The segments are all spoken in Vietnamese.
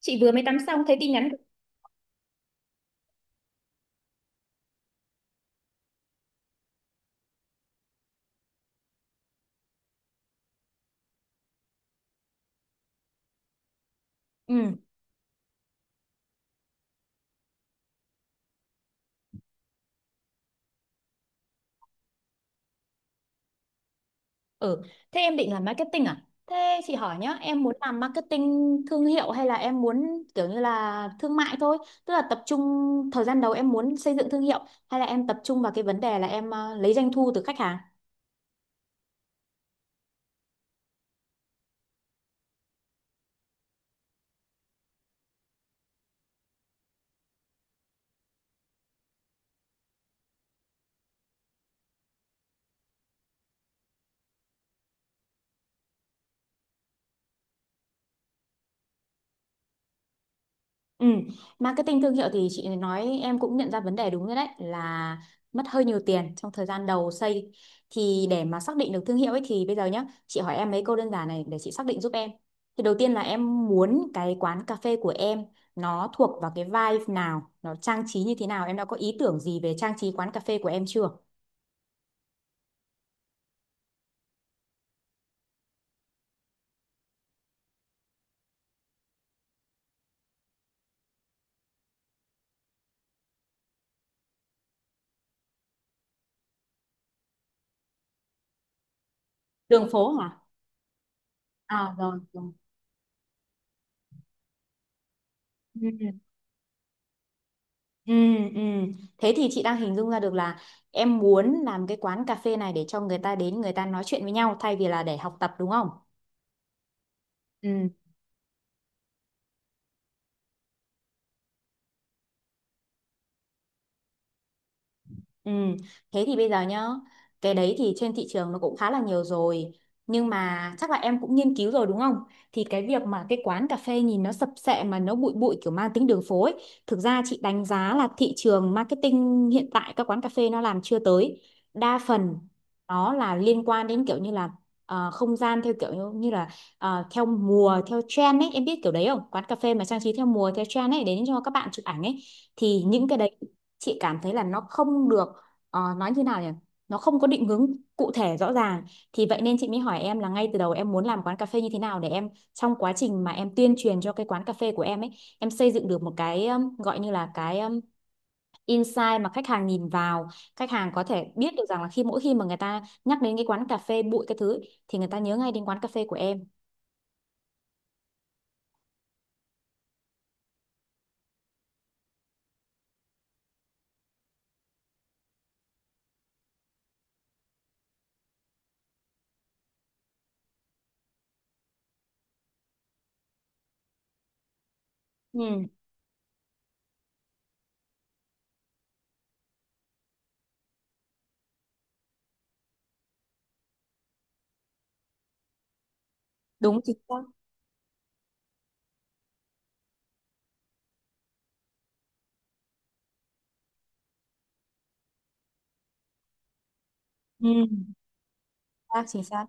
Chị vừa mới tắm xong thấy tin nhắn. Ừ. Ừ, thế em định làm marketing à? Thế chị hỏi nhá, em muốn làm marketing thương hiệu hay là em muốn kiểu như là thương mại thôi, tức là tập trung thời gian đầu em muốn xây dựng thương hiệu, hay là em tập trung vào cái vấn đề là em lấy doanh thu từ khách hàng? Ừ. Marketing thương hiệu thì chị nói em cũng nhận ra vấn đề đúng rồi, đấy là mất hơi nhiều tiền trong thời gian đầu xây. Thì để mà xác định được thương hiệu ấy thì bây giờ nhá, chị hỏi em mấy câu đơn giản này để chị xác định giúp em. Thì đầu tiên là em muốn cái quán cà phê của em nó thuộc vào cái vibe nào, nó trang trí như thế nào, em đã có ý tưởng gì về trang trí quán cà phê của em chưa? Đường phố hả? À rồi rồi. Ừ. Ừ, ừ. Thế thì chị đang hình dung ra được là em muốn làm cái quán cà phê này để cho người ta đến người ta nói chuyện với nhau thay vì là để học tập đúng không? Ừ. Ừ, thế thì bây giờ nhá, cái đấy thì trên thị trường nó cũng khá là nhiều rồi. Nhưng mà chắc là em cũng nghiên cứu rồi đúng không? Thì cái việc mà cái quán cà phê nhìn nó sập sệ mà nó bụi bụi kiểu mang tính đường phố ấy, thực ra chị đánh giá là thị trường marketing hiện tại các quán cà phê nó làm chưa tới. Đa phần nó là liên quan đến kiểu như là không gian theo kiểu như như là theo mùa, theo trend ấy, em biết kiểu đấy không? Quán cà phê mà trang trí theo mùa, theo trend ấy đến cho các bạn chụp ảnh ấy, thì những cái đấy chị cảm thấy là nó không được, nói như nào nhỉ, nó không có định hướng cụ thể rõ ràng. Thì vậy nên chị mới hỏi em là ngay từ đầu em muốn làm quán cà phê như thế nào, để em trong quá trình mà em tuyên truyền cho cái quán cà phê của em ấy, em xây dựng được một cái, gọi như là cái insight, mà khách hàng nhìn vào khách hàng có thể biết được rằng là khi mỗi khi mà người ta nhắc đến cái quán cà phê bụi cái thứ ấy, thì người ta nhớ ngay đến quán cà phê của em. Ừ. Đúng chính xác. Ừ. Chính xác, chính xác.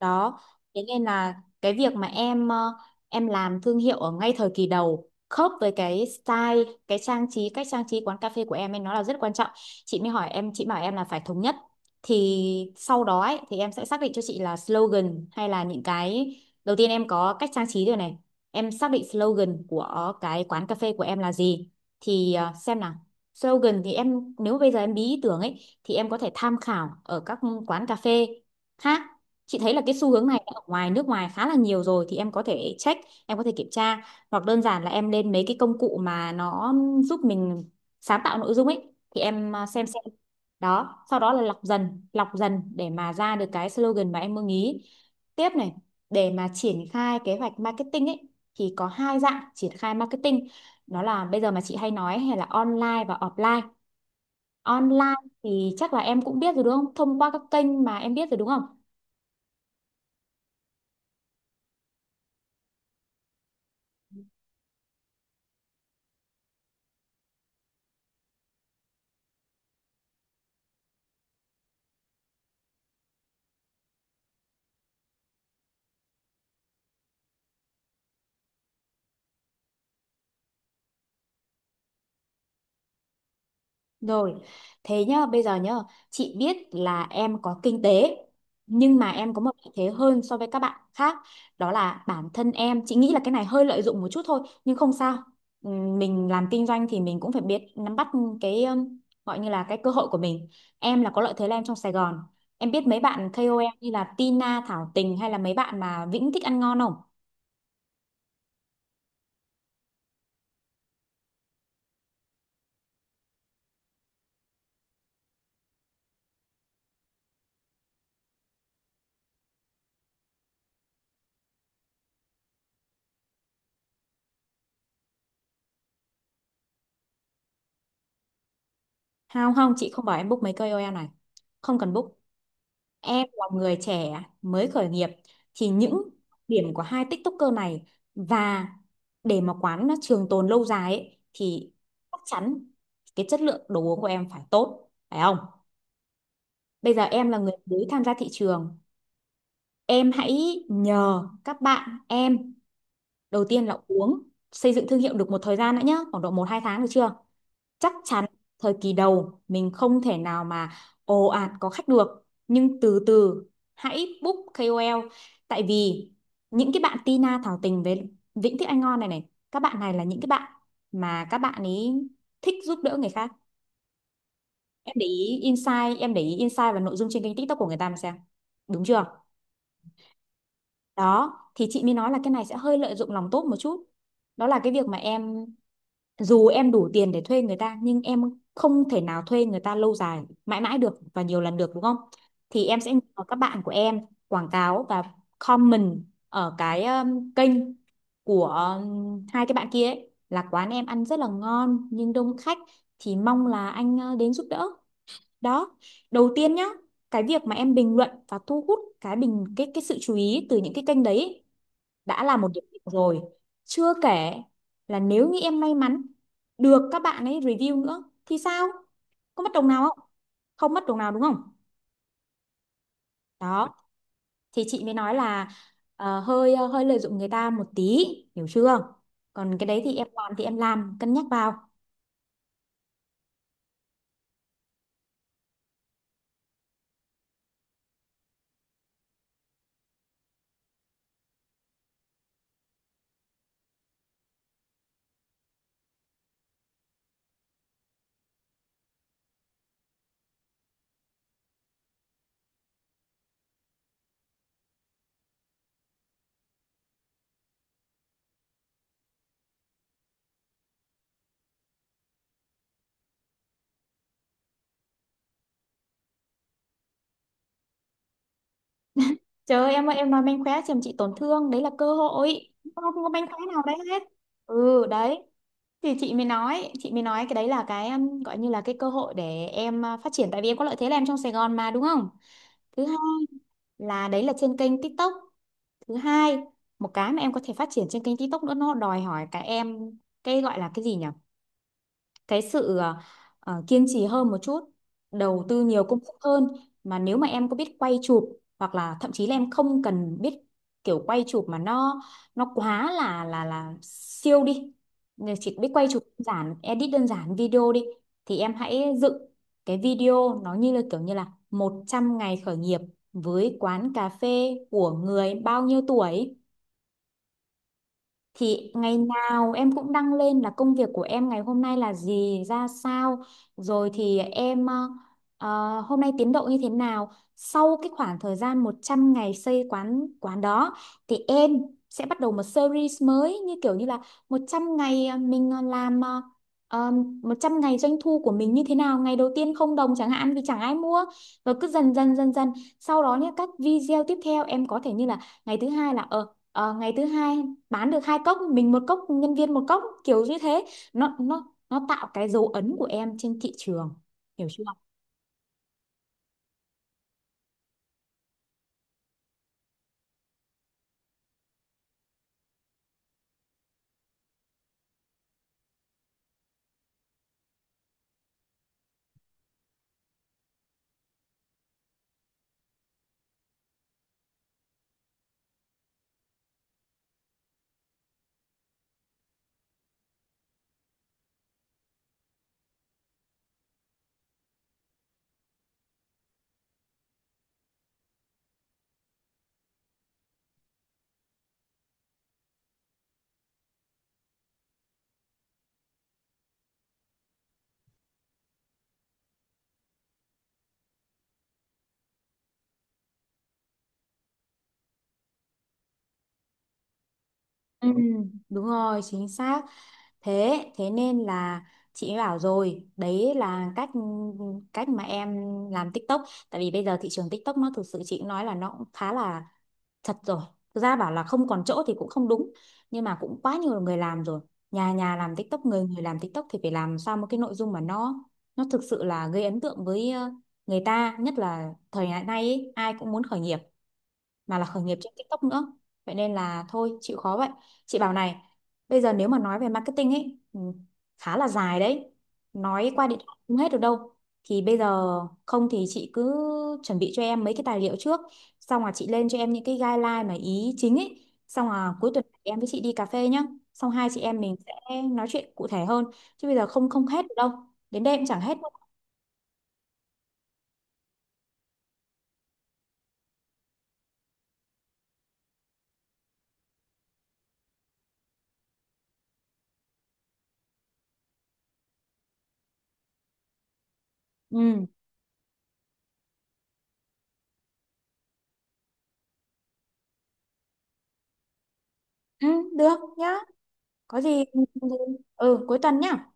Đó, thế nên là cái việc mà em em làm thương hiệu ở ngay thời kỳ đầu khớp với cái style, cái trang trí, cách trang trí quán cà phê của em ấy, nó là rất quan trọng. Chị mới hỏi em, chị bảo em là phải thống nhất. Thì sau đó ấy, thì em sẽ xác định cho chị là slogan hay là những cái, đầu tiên em có cách trang trí rồi này. Em xác định slogan của cái quán cà phê của em là gì, thì xem nào. Slogan thì em nếu bây giờ em bí ý tưởng ấy, thì em có thể tham khảo ở các quán cà phê khác. Chị thấy là cái xu hướng này ở ngoài nước ngoài khá là nhiều rồi, thì em có thể check, em có thể kiểm tra, hoặc đơn giản là em lên mấy cái công cụ mà nó giúp mình sáng tạo nội dung ấy, thì em xem xem. Đó, sau đó là lọc dần để mà ra được cái slogan mà em mong ý. Tiếp này, để mà triển khai kế hoạch marketing ấy, thì có hai dạng triển khai marketing, đó là bây giờ mà chị hay nói hay là online và offline. Online thì chắc là em cũng biết rồi đúng không, thông qua các kênh mà em biết rồi đúng không? Rồi, thế nhá, bây giờ nhá, chị biết là em có kinh tế, nhưng mà em có một lợi thế hơn so với các bạn khác, đó là bản thân em, chị nghĩ là cái này hơi lợi dụng một chút thôi, nhưng không sao. Mình làm kinh doanh thì mình cũng phải biết nắm bắt cái, gọi như là cái cơ hội của mình. Em là có lợi thế là em trong Sài Gòn. Em biết mấy bạn KOL như là Tina, Thảo Tình hay là mấy bạn mà Vĩnh Thích Ăn Ngon không? Không không, chị không bảo em book mấy KOL này. Không cần book. Em là người trẻ mới khởi nghiệp thì những điểm của hai TikToker này, và để mà quán nó trường tồn lâu dài ấy, thì chắc chắn cái chất lượng đồ uống của em phải tốt phải không? Bây giờ em là người mới tham gia thị trường, em hãy nhờ các bạn em đầu tiên là uống, xây dựng thương hiệu được một thời gian đã nhá, khoảng độ một 2 tháng được chưa? Chắc chắn thời kỳ đầu mình không thể nào mà ồ ạt có khách được, nhưng từ từ hãy book KOL, tại vì những cái bạn Tina Thảo Tình với Vĩnh Thích Anh Ngon này này, các bạn này là những cái bạn mà các bạn ấy thích giúp đỡ người khác. Em để ý insight, em để ý insight và nội dung trên kênh TikTok của người ta mà xem, đúng chưa? Đó, thì chị mới nói là cái này sẽ hơi lợi dụng lòng tốt một chút, đó là cái việc mà em dù em đủ tiền để thuê người ta, nhưng em không thể nào thuê người ta lâu dài mãi mãi được và nhiều lần được đúng không? Thì em sẽ nhờ các bạn của em quảng cáo và comment ở cái, kênh của hai cái bạn kia ấy, là quán em ăn rất là ngon nhưng đông khách, thì mong là anh đến giúp đỡ. Đó, đầu tiên nhá, cái việc mà em bình luận và thu hút cái bình cái sự chú ý từ những cái kênh đấy đã là một điểm cộng rồi. Chưa kể là nếu như em may mắn được các bạn ấy review nữa thì sao, có mất đồng nào không? Không mất đồng nào đúng không? Đó, thì chị mới nói là hơi hơi lợi dụng người ta một tí, hiểu chưa? Còn cái đấy thì em làm cân nhắc vào. Trời ơi, em nói manh khóe chồng chị tổn thương, đấy là cơ hội. Không không có manh khóe nào đấy hết. Ừ, đấy. Thì chị mới nói cái đấy là cái, gọi như là cái cơ hội để em phát triển, tại vì em có lợi thế là em trong Sài Gòn mà đúng không? Thứ hai là đấy là trên kênh TikTok. Thứ hai, một cái mà em có thể phát triển trên kênh TikTok nữa, nó đòi hỏi cả em cái gọi là cái gì nhỉ, cái sự kiên trì hơn một chút, đầu tư nhiều công sức hơn. Mà nếu mà em có biết quay chụp hoặc là thậm chí là em không cần biết kiểu quay chụp mà nó quá là là siêu đi. Nếu chỉ biết quay chụp đơn giản, edit đơn giản video đi, thì em hãy dựng cái video nó như là kiểu như là 100 ngày khởi nghiệp với quán cà phê của người bao nhiêu tuổi. Thì ngày nào em cũng đăng lên là công việc của em ngày hôm nay là gì ra sao, rồi thì em hôm nay tiến độ như thế nào. Sau cái khoảng thời gian 100 ngày xây quán quán đó, thì em sẽ bắt đầu một series mới như kiểu như là 100 ngày mình làm ờ, 100 ngày doanh thu của mình như thế nào, ngày đầu tiên không đồng chẳng hạn vì chẳng ai mua, rồi cứ dần dần sau đó nhé. Các video tiếp theo em có thể như là ngày thứ hai là ngày thứ hai bán được hai cốc, mình một cốc nhân viên một cốc kiểu như thế. Nó nó tạo cái dấu ấn của em trên thị trường, hiểu chưa? Ừ, đúng rồi chính xác. Thế thế nên là chị mới bảo rồi đấy, là cách cách mà em làm TikTok, tại vì bây giờ thị trường TikTok nó thực sự chị cũng nói là nó cũng khá là chật rồi. Thực ra bảo là không còn chỗ thì cũng không đúng, nhưng mà cũng quá nhiều người làm rồi, nhà nhà làm TikTok, người người làm TikTok, thì phải làm sao một cái nội dung mà nó thực sự là gây ấn tượng với người ta, nhất là thời đại nay ấy, ai cũng muốn khởi nghiệp mà là khởi nghiệp trên TikTok nữa. Vậy nên là thôi chịu khó vậy. Chị bảo này, bây giờ nếu mà nói về marketing ấy, ừ, khá là dài đấy, nói qua điện thoại không hết được đâu. Thì bây giờ không thì chị cứ chuẩn bị cho em mấy cái tài liệu trước, xong là chị lên cho em những cái guideline mà ý chính ấy, xong là cuối tuần em với chị đi cà phê nhá, xong hai chị em mình sẽ nói chuyện cụ thể hơn, chứ bây giờ không không hết được đâu, đến đây cũng chẳng hết đâu. Ừ, ừ, được nhá. Có gì ừ. Ừ, cuối tuần nhá.